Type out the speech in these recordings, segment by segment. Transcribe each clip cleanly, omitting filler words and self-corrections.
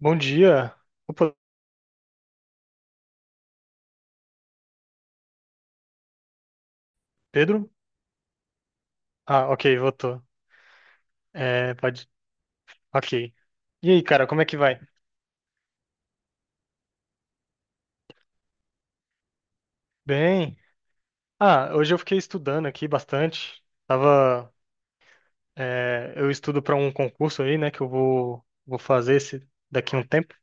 Bom dia. Opa, Pedro? Ah, ok, voltou. É, pode. Ok. E aí, cara, como é que vai? Bem. Ah, hoje eu fiquei estudando aqui bastante. Eu estudo para um concurso aí, né, que eu vou fazer esse daqui a um tempo.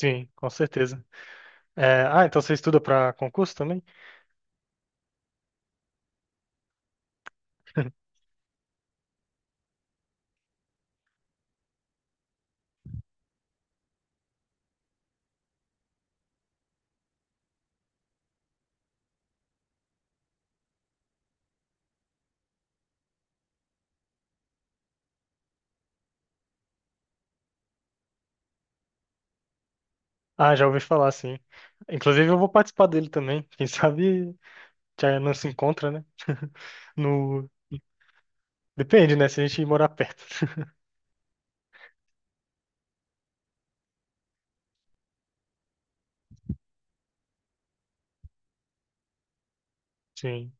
Sim, com certeza. Então você estuda para concurso também? Ah, já ouvi falar, sim. Inclusive, eu vou participar dele também. Quem sabe já não se encontra, né? No... Depende, né? Se a gente morar perto. Sim.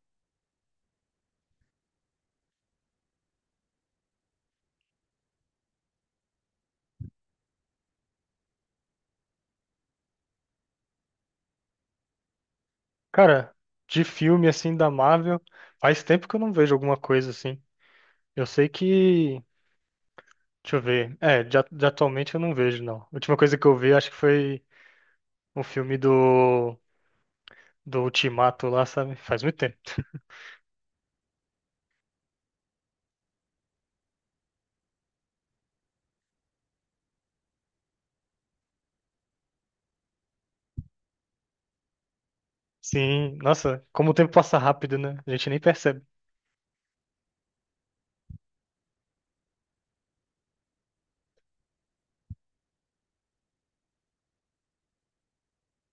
Cara, de filme assim da Marvel, faz tempo que eu não vejo alguma coisa assim. Eu sei que. Deixa eu ver. É, de, a- de atualmente eu não vejo, não. A última coisa que eu vi, acho que foi um filme do Ultimato lá, sabe? Faz muito tempo. Sim, nossa, como o tempo passa rápido, né? A gente nem percebe.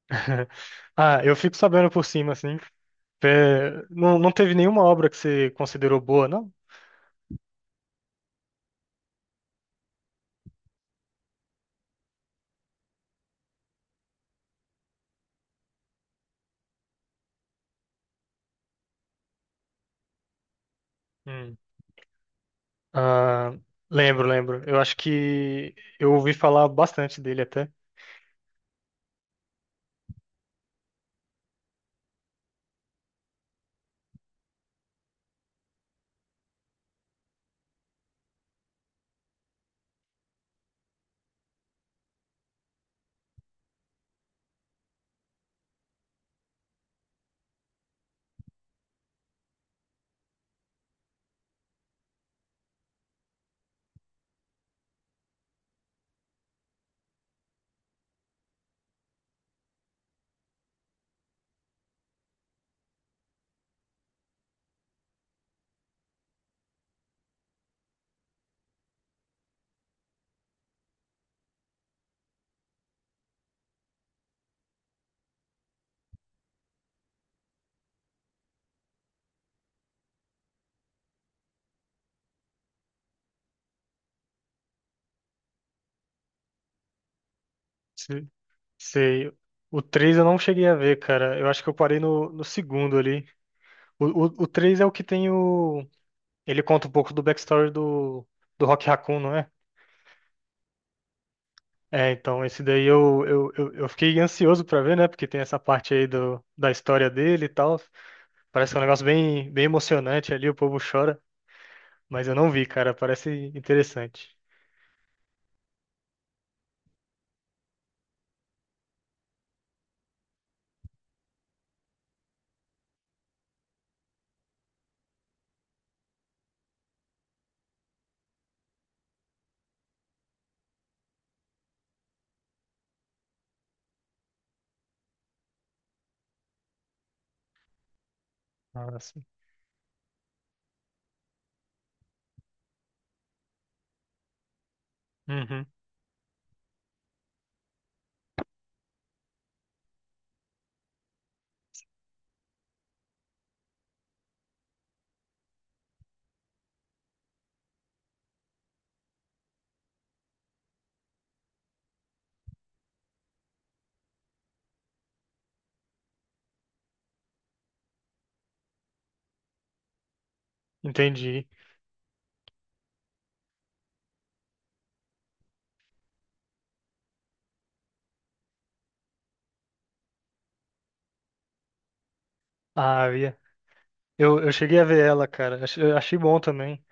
Ah, eu fico sabendo por cima, assim. É, não teve nenhuma obra que você considerou boa, não? Hum. Ah, lembro, lembro. Eu acho que eu ouvi falar bastante dele até. Se- Sei. O 3 eu não cheguei a ver, cara. Eu acho que eu parei no segundo ali. O 3 é o que tem o. Ele conta um pouco do backstory do Rock Raccoon, não é? É, então, esse daí eu fiquei ansioso pra ver, né? Porque tem essa parte aí da história dele e tal. Parece que é um negócio bem, bem emocionante ali, o povo chora. Mas eu não vi, cara. Parece interessante. Nossa. Uhum, entendi. Ah, eu, ia- eu cheguei a ver ela, cara. Eu achei bom também.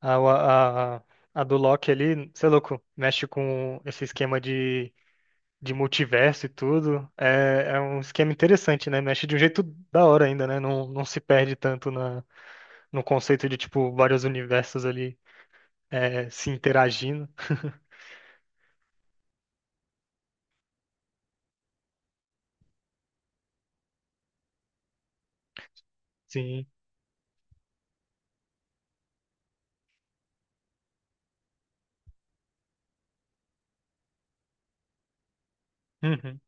A, a, a a do Loki ali, sei louco, mexe com esse esquema de multiverso e tudo. É, é um esquema interessante, né? Mexe de um jeito da hora ainda, né? Não se perde tanto na, no conceito de, tipo, vários universos ali é, se interagindo. Sim. Uhum.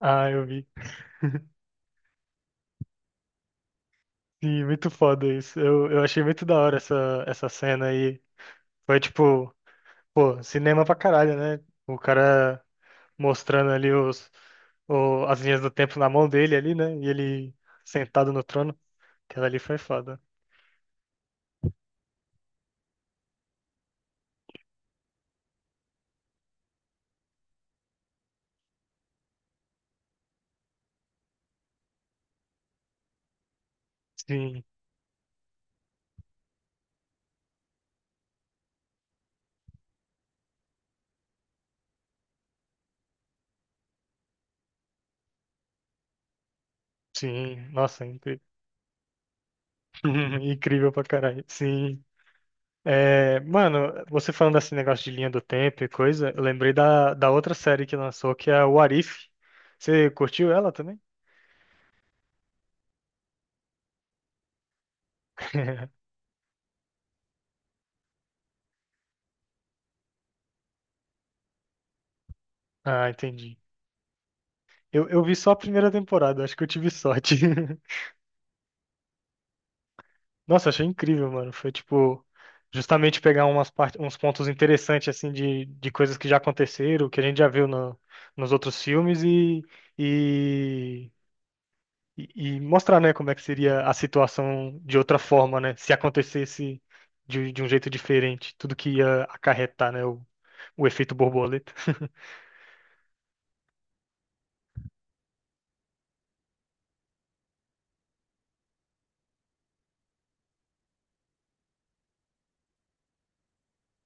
Ah, eu vi. Sim, muito foda isso. Eu achei muito da hora essa, essa cena aí. Foi tipo, pô, cinema pra caralho, né? O cara mostrando ali as linhas do tempo na mão dele ali, né? E ele sentado no trono. Aquela ali foi foda. Sim, sim. Nossa, incrível. Incrível pra caralho. Sim. É, mano, você falando desse negócio de linha do tempo e coisa, eu lembrei da outra série que lançou, que é o Arif. Você curtiu ela também? Ah, entendi. Eu vi só a primeira temporada, acho que eu tive sorte. Nossa, achei incrível, mano. Foi tipo, justamente pegar umas parte, uns pontos interessantes, assim, de coisas que já aconteceram, que a gente já viu no, nos outros filmes e, e e mostrar, né, como é que seria a situação de outra forma, né, se acontecesse de um jeito diferente, tudo que ia acarretar, né, o efeito borboleta.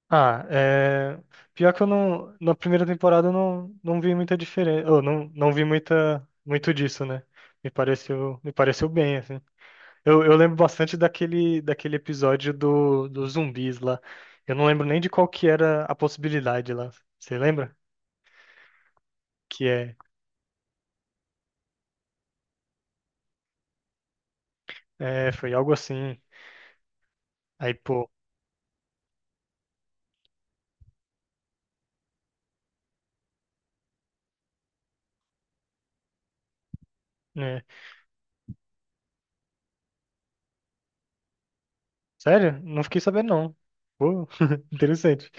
Ah, é... Pior que eu não... Na primeira temporada eu não vi muita diferença. Eu não vi muita... muito disso, né? Me pareceu bem, assim. Eu lembro bastante daquele, daquele episódio dos zumbis lá. Eu não lembro nem de qual que era a possibilidade lá. Você lembra? Que é... É, foi algo assim. Aí, pô... né? Sério? Não fiquei sabendo, não. Pô, interessante.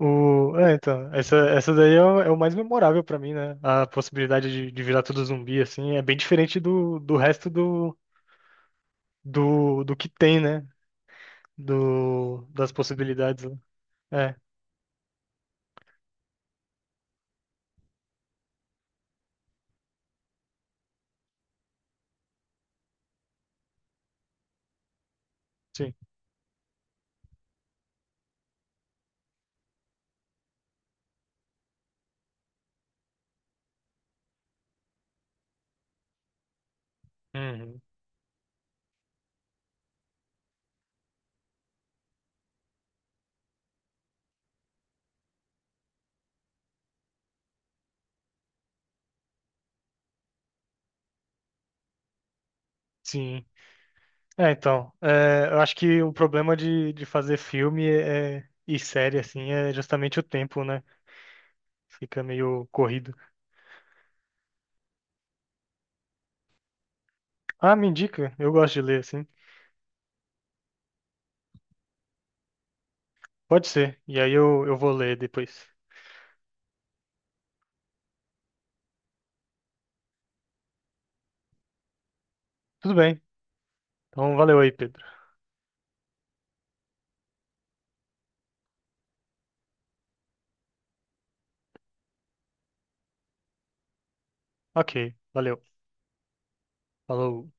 O... É, então, essa daí é o, é o mais memorável pra mim, né? A possibilidade de virar tudo zumbi, assim, é bem diferente do, do resto do, do, do que tem, né? Do, das possibilidades. Né? É, sim. Uhum. Sim. É, então, é, eu acho que o problema de fazer filme é, e série, assim, é justamente o tempo, né? Fica meio corrido. Ah, me indica, eu gosto de ler, assim. Pode ser, e aí eu vou ler depois. Tudo bem, então valeu aí, Pedro. Ok, valeu. Falou.